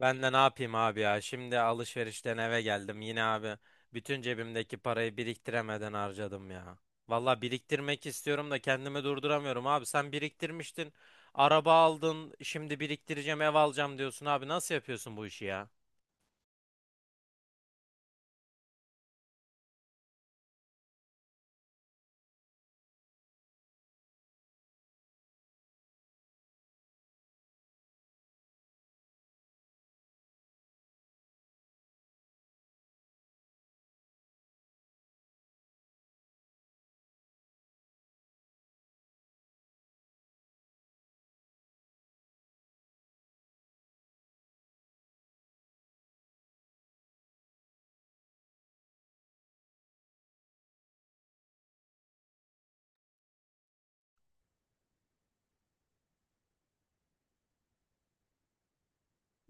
Ben de ne yapayım abi ya? Şimdi alışverişten eve geldim. Yine abi bütün cebimdeki parayı biriktiremeden harcadım ya. Valla biriktirmek istiyorum da kendimi durduramıyorum abi. Sen biriktirmiştin. Araba aldın. Şimdi biriktireceğim ev alacağım diyorsun abi. Nasıl yapıyorsun bu işi ya?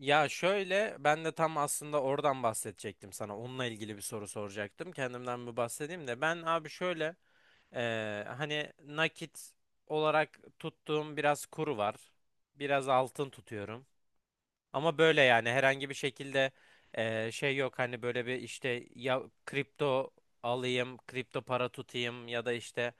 Ya şöyle ben de tam aslında oradan bahsedecektim sana. Onunla ilgili bir soru soracaktım. Kendimden bir bahsedeyim de. Ben abi şöyle hani nakit olarak tuttuğum biraz kuru var. Biraz altın tutuyorum. Ama böyle yani herhangi bir şekilde şey yok hani böyle bir işte ya kripto alayım, kripto para tutayım ya da işte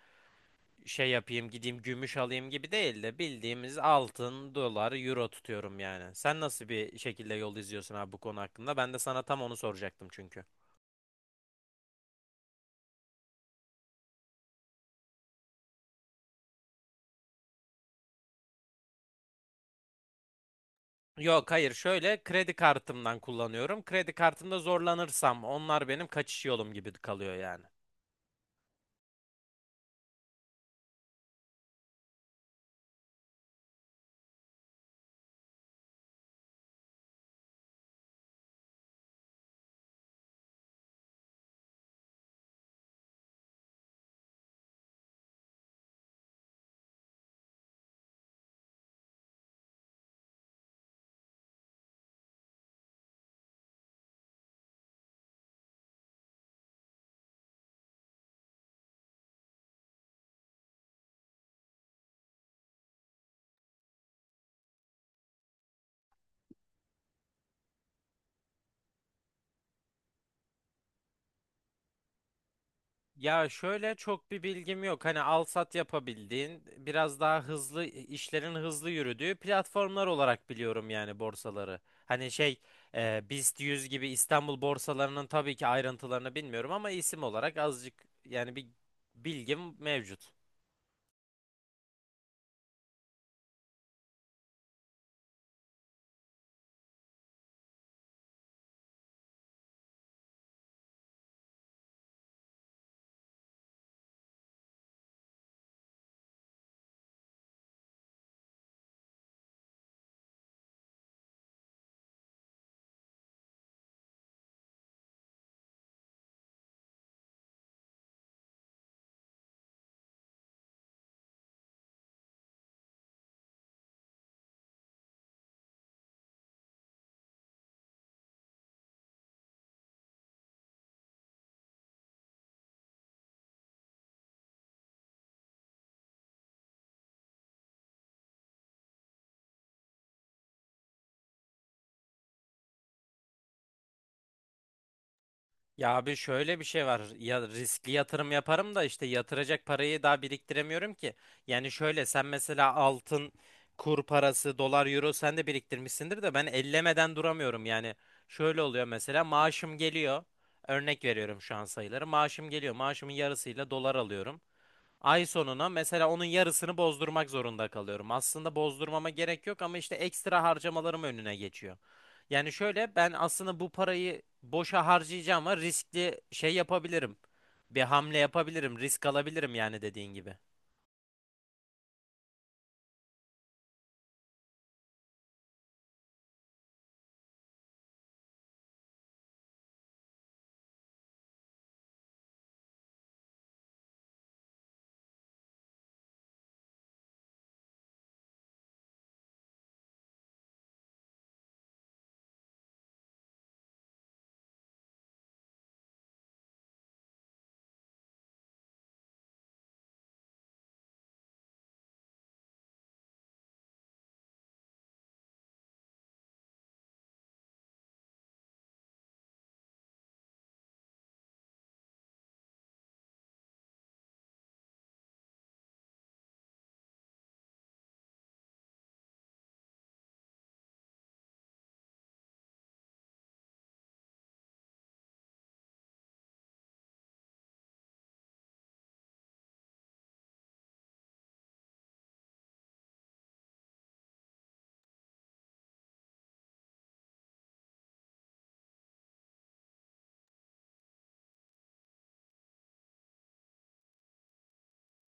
şey yapayım, gideyim gümüş alayım gibi değil de bildiğimiz altın, dolar, euro tutuyorum yani. Sen nasıl bir şekilde yol izliyorsun abi bu konu hakkında? Ben de sana tam onu soracaktım çünkü. Yok, hayır, şöyle kredi kartımdan kullanıyorum. Kredi kartımda zorlanırsam onlar benim kaçış yolum gibi kalıyor yani. Ya şöyle çok bir bilgim yok. Hani al sat yapabildiğin, biraz daha hızlı işlerin hızlı yürüdüğü platformlar olarak biliyorum yani borsaları. Hani şey BIST 100 gibi İstanbul borsalarının tabii ki ayrıntılarını bilmiyorum ama isim olarak azıcık yani bir bilgim mevcut. Ya abi şöyle bir şey var. Ya riskli yatırım yaparım da işte yatıracak parayı daha biriktiremiyorum ki. Yani şöyle sen mesela altın, kur parası, dolar, euro sen de biriktirmişsindir de ben ellemeden duramıyorum. Yani şöyle oluyor mesela maaşım geliyor. Örnek veriyorum şu an sayıları. Maaşım geliyor. Maaşımın yarısıyla dolar alıyorum. Ay sonuna mesela onun yarısını bozdurmak zorunda kalıyorum. Aslında bozdurmama gerek yok ama işte ekstra harcamalarım önüne geçiyor. Yani şöyle ben aslında bu parayı boşa harcayacağım ama riskli şey yapabilirim. Bir hamle yapabilirim, risk alabilirim yani dediğin gibi.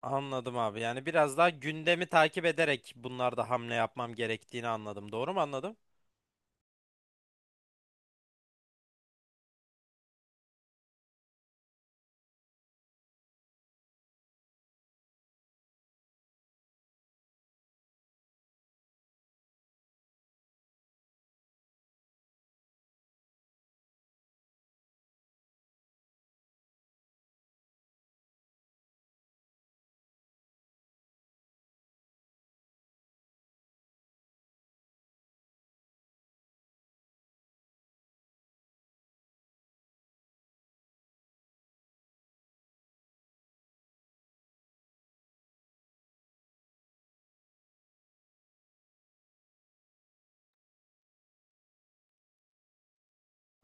Anladım abi. Yani biraz daha gündemi takip ederek bunlarda hamle yapmam gerektiğini anladım. Doğru mu anladım?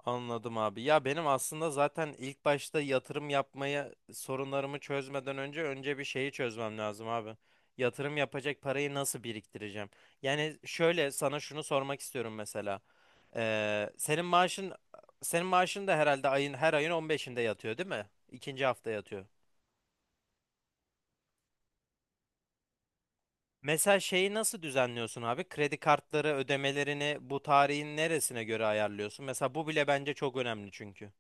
Anladım abi. Ya benim aslında zaten ilk başta yatırım yapmaya sorunlarımı çözmeden önce bir şeyi çözmem lazım abi. Yatırım yapacak parayı nasıl biriktireceğim? Yani şöyle sana şunu sormak istiyorum mesela. Ee, senin maaşın senin maaşın da herhalde her ayın 15'inde yatıyor, değil mi? İkinci hafta yatıyor. Mesela şeyi nasıl düzenliyorsun abi? Kredi kartları ödemelerini bu tarihin neresine göre ayarlıyorsun? Mesela bu bile bence çok önemli çünkü.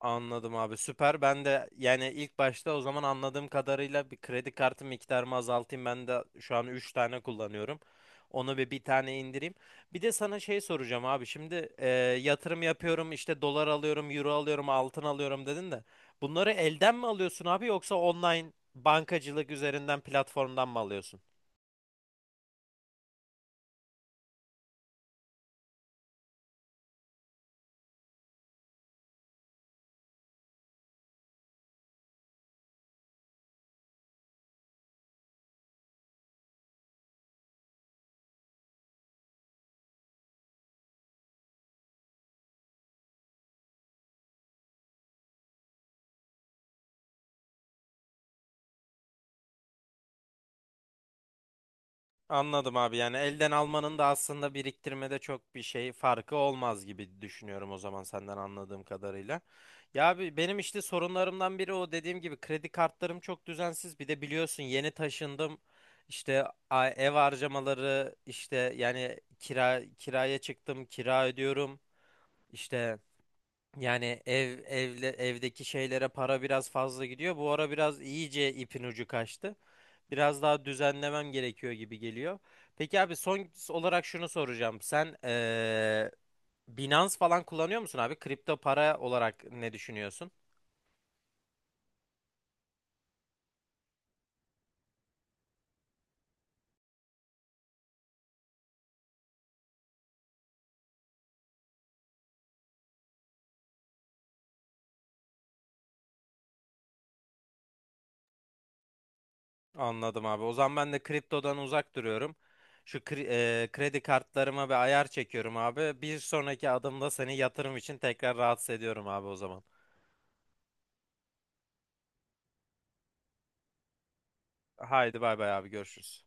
Anladım abi, süper. Ben de yani ilk başta o zaman anladığım kadarıyla bir kredi kartı miktarımı azaltayım. Ben de şu an 3 tane kullanıyorum. Onu bir tane indireyim. Bir de sana şey soracağım abi. Şimdi yatırım yapıyorum işte dolar alıyorum, euro alıyorum, altın alıyorum dedin de. Bunları elden mi alıyorsun abi yoksa online bankacılık üzerinden platformdan mı alıyorsun? Anladım abi, yani elden almanın da aslında biriktirmede çok bir şey farkı olmaz gibi düşünüyorum o zaman senden anladığım kadarıyla. Ya abi benim işte sorunlarımdan biri o dediğim gibi kredi kartlarım çok düzensiz. Bir de biliyorsun yeni taşındım. İşte ev harcamaları işte yani kiraya çıktım, kira ödüyorum. İşte yani evle evdeki şeylere para biraz fazla gidiyor. Bu ara biraz iyice ipin ucu kaçtı. Biraz daha düzenlemem gerekiyor gibi geliyor. Peki abi, son olarak şunu soracağım. Sen Binance falan kullanıyor musun abi? Kripto para olarak ne düşünüyorsun? Anladım abi. O zaman ben de kriptodan uzak duruyorum. Kredi kartlarıma bir ayar çekiyorum abi. Bir sonraki adımda seni yatırım için tekrar rahatsız ediyorum abi o zaman. Haydi bay bay abi, görüşürüz.